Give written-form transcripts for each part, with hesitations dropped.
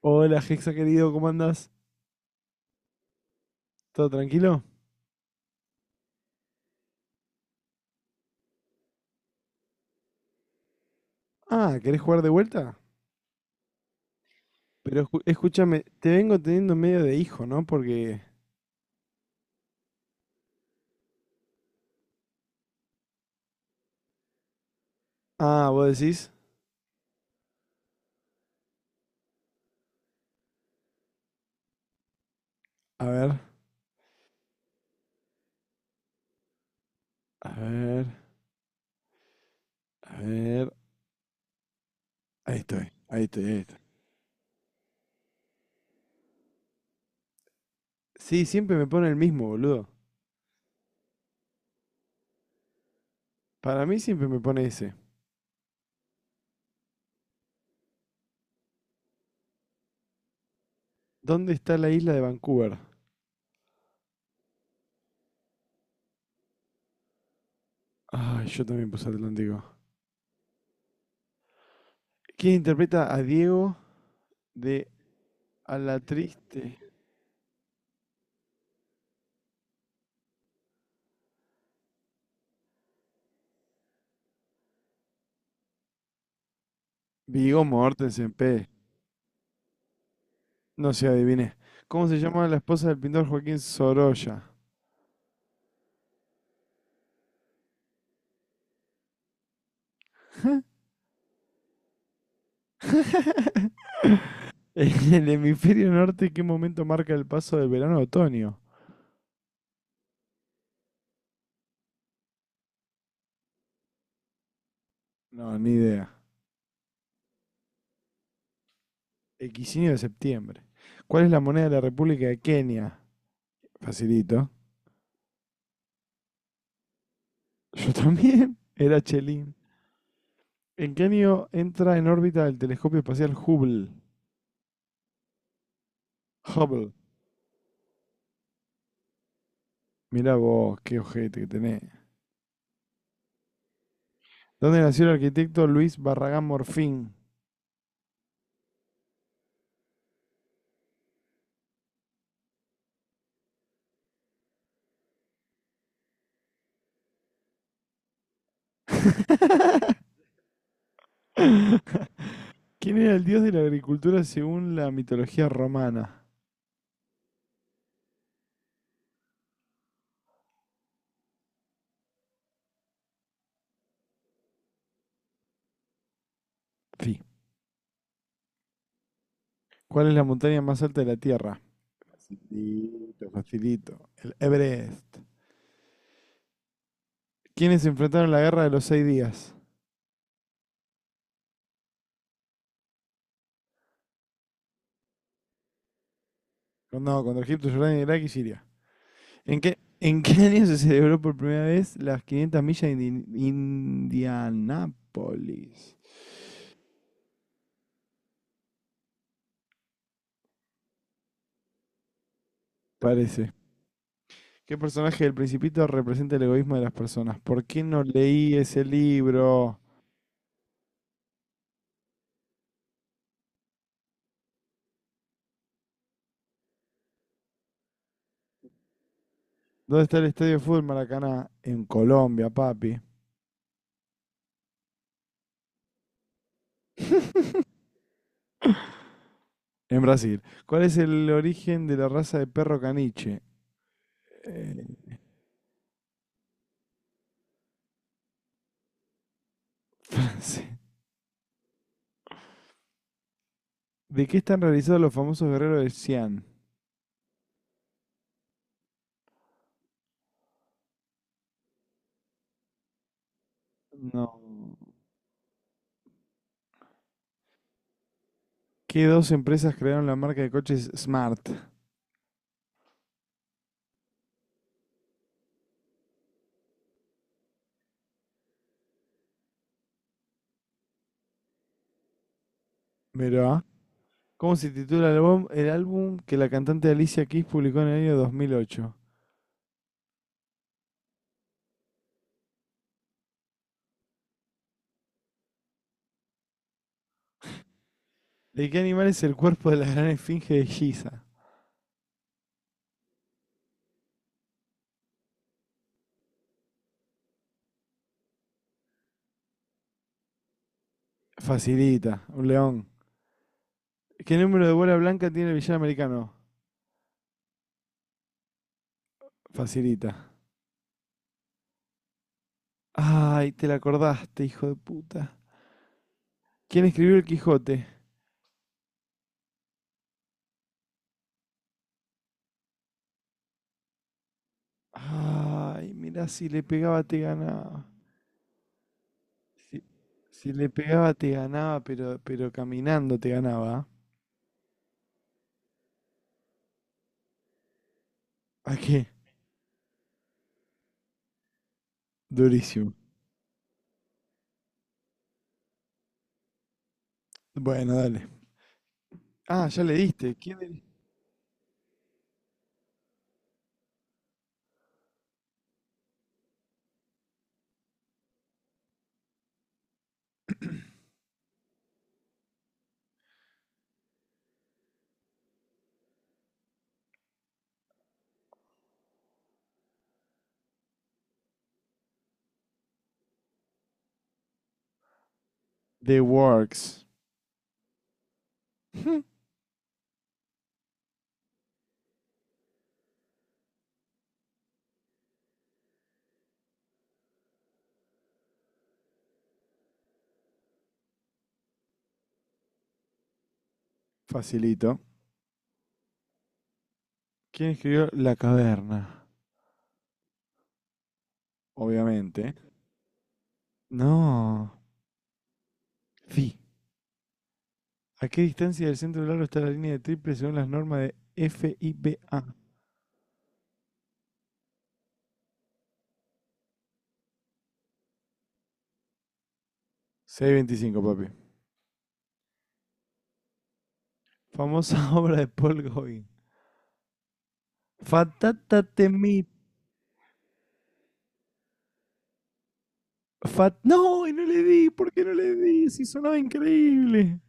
Hola, Hexa querido, ¿cómo andas? ¿Todo tranquilo? Ah, ¿querés jugar de vuelta? Pero escúchame, te vengo teniendo medio de hijo, ¿no? Porque... Ah, vos decís... A ver, a ver, a ver... Ahí estoy, ahí estoy, ahí estoy. Sí, siempre me pone el mismo, boludo. Para mí siempre me pone ese. ¿Dónde está la isla de Vancouver? Ay, yo también puse Atlántico. ¿Quién interpreta a Diego de A la Triste? Viggo Mortensen, P. No sé, adiviné. ¿Cómo se llama la esposa del pintor Joaquín Sorolla? En el hemisferio norte, ¿qué momento marca el paso del verano a otoño? No, ni idea. El de septiembre. ¿Cuál es la moneda de la República de Kenia? Facilito. Yo también. Era Chelín. ¿En qué año entra en órbita el telescopio espacial Hubble? Hubble. Mirá vos, qué ojete que tenés. ¿Dónde nació el arquitecto Luis Barragán Morfín? ¿Quién era el dios de la agricultura según la mitología romana? Sí. ¿Cuál es la montaña más alta de la Tierra? Facilito, facilito. El Everest. ¿Quiénes enfrentaron la guerra de los seis días? No, no, contra Egipto, Jordania, Irak y Siria. ¿En qué año se celebró por primera vez las 500 millas de Indianápolis? Parece. ¿Qué personaje del Principito representa el egoísmo de las personas? ¿Por qué no leí ese libro? ¿Dónde está el estadio de fútbol Maracaná? En Colombia, papi. En Brasil. ¿Cuál es el origen de la raza de perro caniche? Eh, francés. ¿De qué están realizados los famosos guerreros de Xi'an? No. ¿Qué dos empresas crearon la marca de coches Smart? Mirá. ¿Cómo se titula el álbum que la cantante Alicia Keys publicó en el año 2008? ¿De qué animal es el cuerpo de la gran esfinge de Giza? Facilita, un león. ¿Qué número de bola blanca tiene el villano americano? Facilita. Ay, te la acordaste, hijo de puta. ¿Quién escribió el Quijote? Ay, mirá, si le pegaba te ganaba. Si, si le pegaba te ganaba, pero, caminando te ganaba. ¿A qué? Durísimo. Bueno, dale. Ah, ya le diste. ¿Quién le? The Works. Facilito. ¿Quién escribió La Caverna? Obviamente. No. Sí. ¿A qué distancia del centro del aro está la línea de triple según las normas de FIBA? 625, papi. Famosa obra de Paul Gauguin. Fatata temi... Fat... No, y no le di. ¿Por qué no le di? Si sonaba increíble.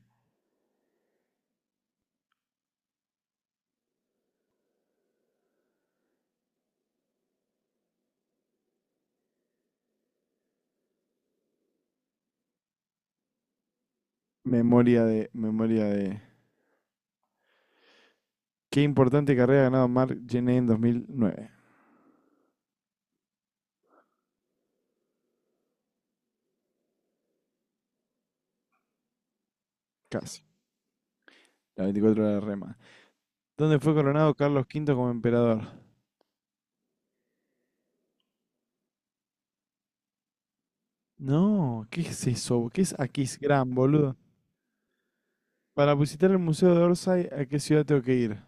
Memoria de. Qué importante carrera ha ganado Mark Gené en 2009. Casi. La 24 de rema. ¿Dónde fue coronado Carlos V como emperador? No, ¿qué es eso? ¿Qué es Aquisgrán, boludo? Para visitar el Museo de Orsay, ¿a qué ciudad tengo que ir?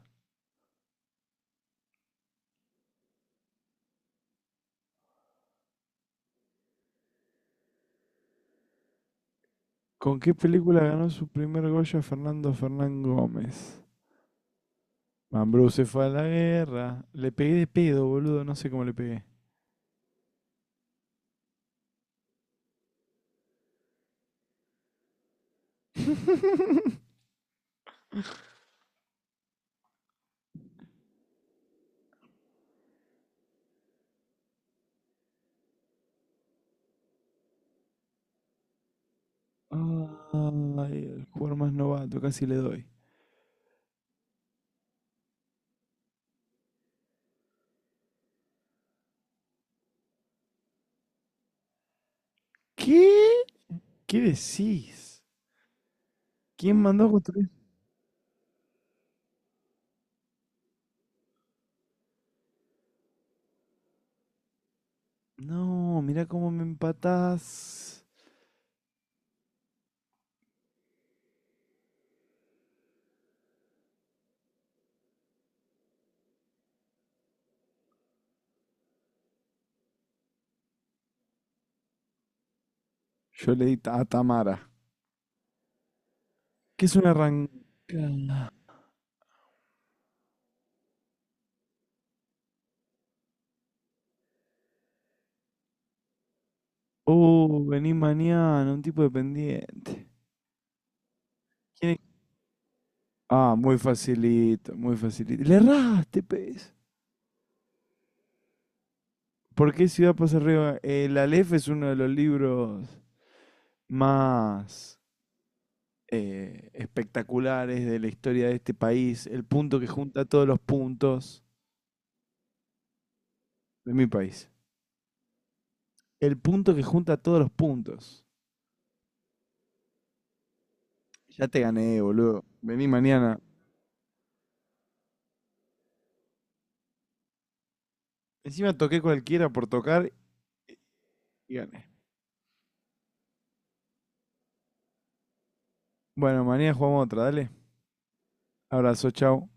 ¿Con qué película ganó su primer Goya Fernando Fernán Gómez? Mambrú se fue a la guerra. Le pegué de pedo, boludo. No sé cómo le pegué. Ay, el jugador más novato, casi le doy. ¿Qué? ¿Qué decís? ¿Quién mandó a construir? No, mirá cómo me empatás. Yo le di a Tamara. ¿Qué es un arranca? Oh, vení mañana, un tipo dependiente. ¿Quién es? Ah, muy facilito, muy facilito. Le erraste, pez. ¿Por qué Ciudad pasa arriba? El Aleph es uno de los libros más espectaculares de la historia de este país. El punto que junta todos los puntos de mi país. El punto que junta todos los puntos. Ya te gané, boludo. Vení mañana. Encima toqué cualquiera por tocar y y gané. Bueno, mañana jugamos otra, dale. Abrazo, chao.